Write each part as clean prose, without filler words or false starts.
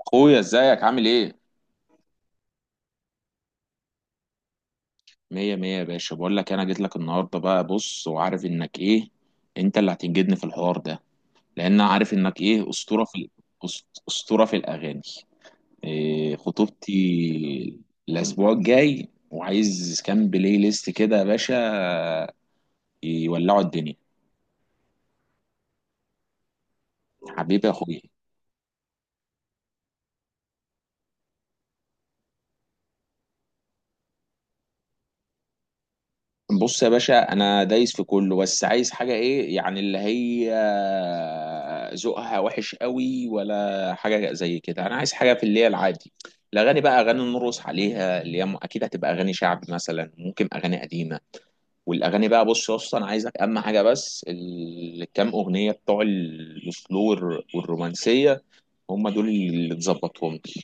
اخويا، ازيك؟ عامل ايه؟ مية مية يا باشا، بقول لك انا جيت لك النهارده بقى. بص، وعارف انك ايه، انت اللي هتنجدني في الحوار ده. لان أنا عارف انك ايه اسطوره في أس- اسطوره في الاغاني. إيه، خطوبتي الاسبوع الجاي، وعايز كام بلاي ليست كده يا باشا يولعوا الدنيا. حبيبي يا اخويا. بص يا باشا، انا دايس في كله، بس عايز حاجه ايه، يعني اللي هي ذوقها وحش قوي ولا حاجه زي كده. انا عايز حاجه في اللي هي العادي. الاغاني بقى، اغاني نرقص عليها، اللي هي اكيد هتبقى اغاني شعبي، مثلا ممكن اغاني قديمه. والاغاني بقى، بص يا اسطى، انا عايزك اهم حاجه بس الكام اغنيه بتوع السلو والرومانسيه، هم دول اللي تظبطهم لي.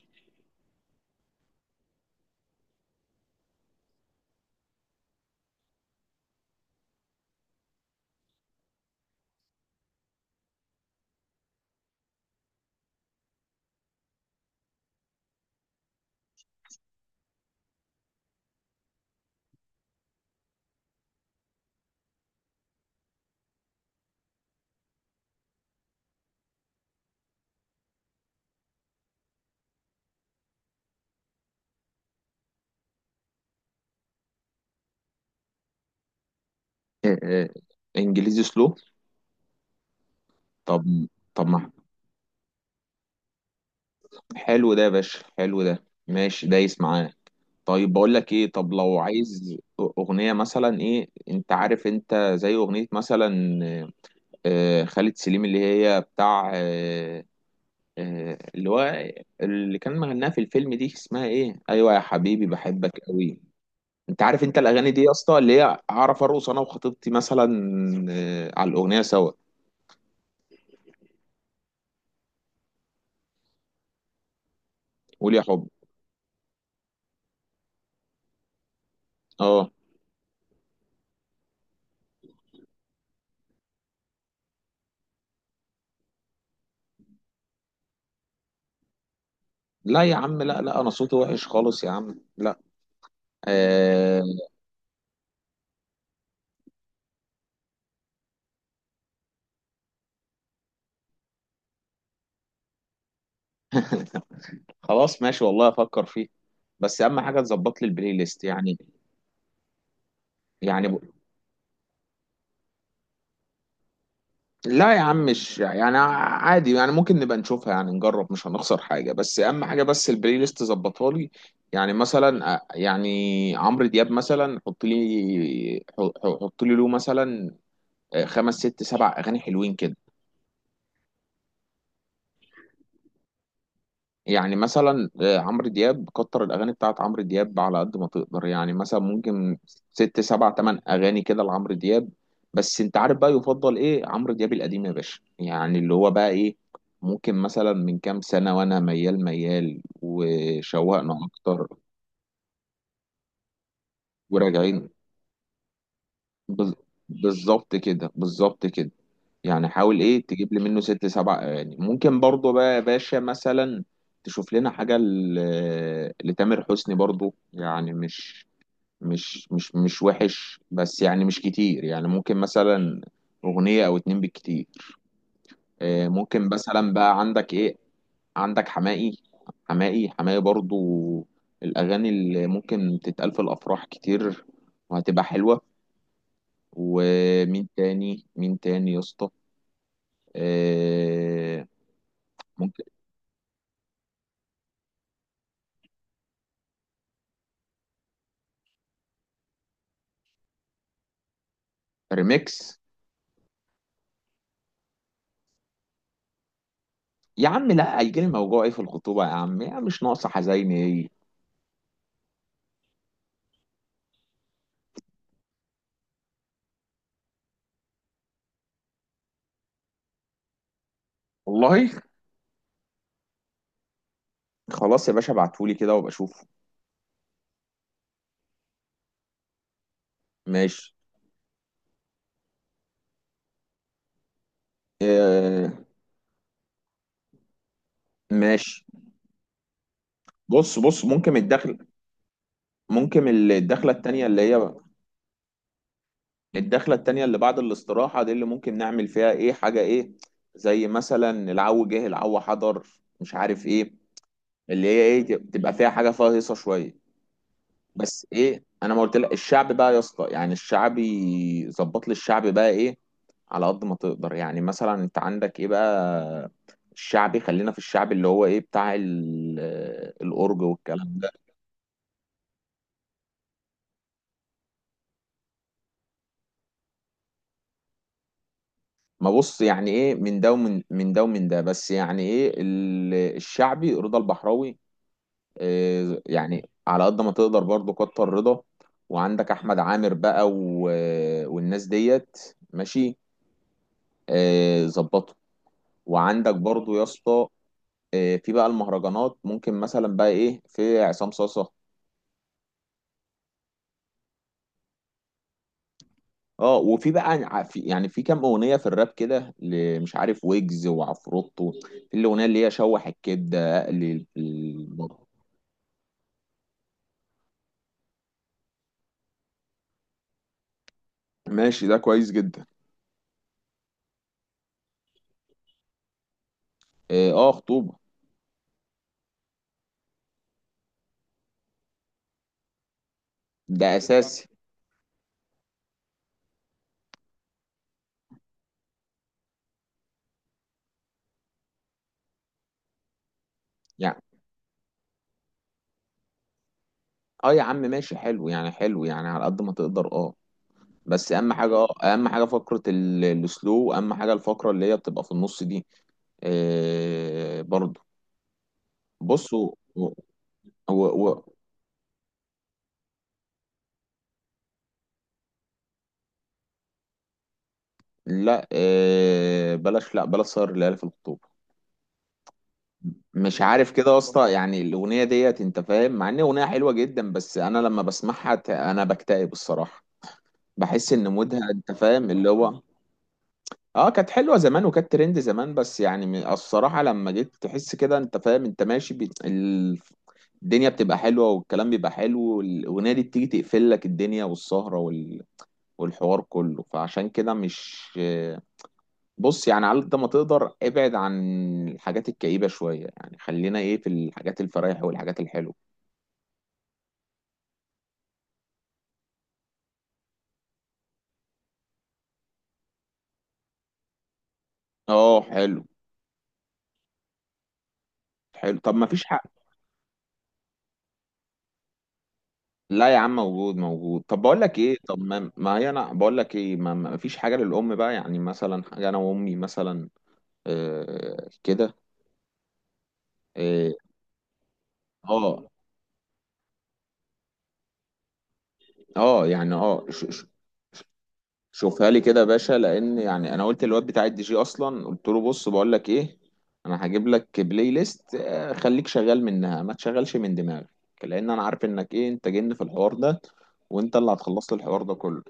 إيه، إيه. انجليزي سلو. طب طب ما، حلو ده يا باشا، حلو ده، ماشي دايس معاه. طيب بقول لك ايه، طب لو عايز اغنيه مثلا ايه، انت عارف، انت زي اغنيه مثلا، خالد سليم اللي هي بتاع، اللي هو اللي كان مغناها في الفيلم، دي اسمها ايه؟ ايوه، يا حبيبي بحبك قوي. انت عارف انت الاغاني دي يا اسطى، اللي هي اعرف ارقص انا وخطيبتي مثلا على الاغنيه سوا. قول يا حب. اه. لا يا عم، لا، لا، انا صوتي وحش خالص يا عم، لا. آه خلاص ماشي، والله افكر فيه. بس اهم حاجه تظبط لي البلاي ليست يعني. يعني لا يا عم، مش يعني عادي، يعني ممكن نبقى نشوفها، يعني نجرب، مش هنخسر حاجة. بس أهم حاجة، بس البلاي ليست ظبطها لي. يعني مثلا يعني عمرو دياب مثلا، حط لي، حط لي له مثلا خمس ست سبع أغاني حلوين كده. يعني مثلا عمرو دياب، كتر الاغاني بتاعت عمرو دياب على قد ما تقدر، يعني مثلا ممكن ست سبع تمن اغاني كده لعمرو دياب. بس انت عارف بقى، يفضل ايه عمرو دياب القديم يا باشا، يعني اللي هو بقى ايه، ممكن مثلا من كام سنة، وانا ميال ميال، وشوقنا اكتر، وراجعين. بز- بالظبط كده، بالظبط كده. يعني حاول ايه تجيب لي منه ست سبع اغاني ممكن برضه بقى يا باشا. مثلا تشوف لنا حاجه لتامر حسني برضه، يعني مش وحش، بس يعني مش كتير. يعني ممكن مثلا اغنيه او اتنين بالكتير. ممكن مثلا بقى، عندك ايه؟ عندك حماقي؟ حماقي برضه، الاغاني اللي ممكن تتقال في الافراح كتير، وهتبقى حلوه. ومين تاني؟ مين تاني يا اسطى؟ آه ممكن. ريميكس. يا عم لا، هيجيلي موجوع ايه في الخطوبه يا عم؟ يا مش ناقصه حزيني ايه. والله. خلاص يا باشا، ابعتهولي كده وابقى اشوفه. ماشي. آه ماشي. بص ممكن ممكن الدخله التانيه اللي هي، الدخله التانيه اللي بعد الاستراحه دي، اللي ممكن نعمل فيها ايه، حاجه ايه زي مثلا العو جه العو حضر، مش عارف ايه، اللي هي ايه تبقى فيها حاجه فيها هيصه شويه. بس ايه، انا ما قلت لك الشعب بقى يا اسطى؟ يعني الشعبي ظبط لي الشعب بقى ايه على قد ما تقدر. يعني مثلا انت عندك ايه بقى الشعبي؟ خلينا في الشعب اللي هو ايه بتاع الأورج والكلام ده. ما بص، يعني ايه من ده ومن ده ومن ده بس، يعني ايه الشعبي رضا البحراوي. إيه، يعني على قد ما تقدر برضه كتر رضا. وعندك احمد عامر بقى والناس ديت. ماشي. إيه، ظبطوا. وعندك برضو يا اسطى في بقى المهرجانات، ممكن مثلا بقى ايه، في عصام صاصة. اه، وفي بقى في يعني في كام اغنيه في الراب كده مش عارف، ويجز وعفروتو. في الاغنيه اللي هي شوح الكبده اقلي البط. ماشي، ده كويس جدا. اه، خطوبه. ده اساسي. يعني اه، يا عم ماشي، حلو يعني، حلو يعني على قد ما تقدر، اه. بس اهم حاجه، اه اهم حاجه فقره السلو، اهم حاجه الفقره اللي هي بتبقى في النص دي برضو. بصوا. هو هو. لا، بلاش، لا بلاش سهر الليالي في الخطوبه. مش عارف كده يا اسطى، يعني الاغنيه ديت انت فاهم، مع ان اغنيه حلوه جدا، بس انا لما بسمعها انا بكتئب الصراحه، بحس ان مودها انت فاهم اللي هو. اه، كانت حلوه زمان، وكانت ترند زمان، بس يعني الصراحه لما جيت تحس كده انت فاهم، انت ماشي الدنيا بتبقى حلوه، والكلام بيبقى حلو، والاغنيه دي بتيجي تقفل لك الدنيا والسهره والحوار كله، فعشان كده مش، بص يعني على قد ما تقدر ابعد عن الحاجات الكئيبة شوية. يعني خلينا ايه في الحاجات الفرايح والحاجات الحلوة. اه، حلو. حلو طب، ما فيش حق. لا يا عم، موجود موجود. طب بقول لك ايه، طب ما، ما هي، انا بقول لك ايه، ما فيش حاجة للأم بقى؟ يعني مثلا حاجة انا وامي مثلا. آه كده. اه. اه، يعني اه. شوفها لي كده يا باشا، لان يعني انا قلت للواد بتاع الدي جي اصلا، قلت له بص، بقول لك ايه، انا هجيب لك بلاي ليست، خليك شغال منها، ما تشغلش من دماغك. لان انا عارف انك ايه، انت جن في الحوار ده، وانت اللي هتخلص لي الحوار ده كله.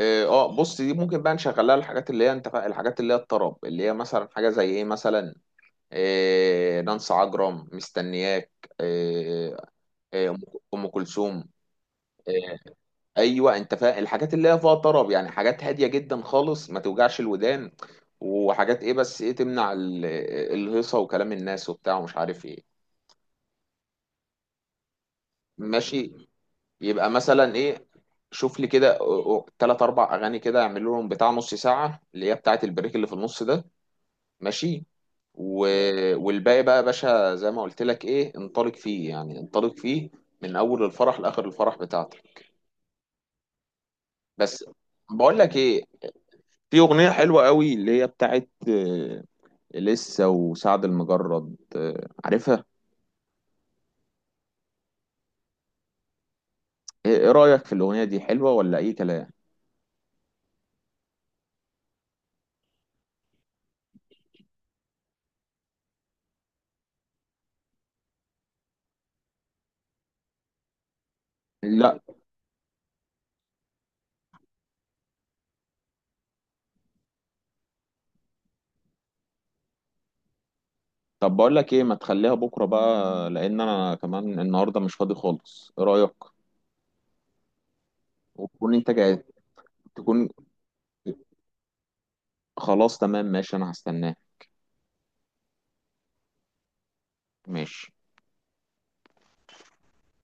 اه، بص دي ممكن بقى نشغلها، الحاجات اللي هي انت الحاجات اللي هي الطرب، اللي هي مثلا حاجه زي ايه مثلا نانسي عجرم مستنياك، آه آه ام أم كلثوم. آه، ايوه، انت فاهم الحاجات اللي هي فيها طرب، يعني حاجات هاديه جدا خالص، ما توجعش الودان، وحاجات ايه بس ايه تمنع الهيصه وكلام الناس وبتاع ومش عارف ايه. ماشي. يبقى مثلا ايه، شوف لي كده ثلاث اربع اغاني كده، اعمل لهم بتاع نص ساعه، اللي هي بتاعه البريك اللي في النص ده. ماشي. و... والباقي بقى يا باشا زي ما قلت لك ايه انطلق فيه، يعني انطلق فيه من اول الفرح لاخر الفرح بتاعتك. بس بقول لك ايه، في اغنيه حلوه قوي اللي هي بتاعه لسه وسعد المجرد، عارفها؟ ايه، إيه رأيك في الأغنية دي؟ حلوة ولا اي كلام؟ لا. طب بقول لك ايه، ما تخليها بكرة بقى، لأن انا كمان النهاردة مش فاضي خالص، ايه رأيك؟ وتكون انت جاي، تكون خلاص، تمام، ماشي، انا هستناك. ماشي.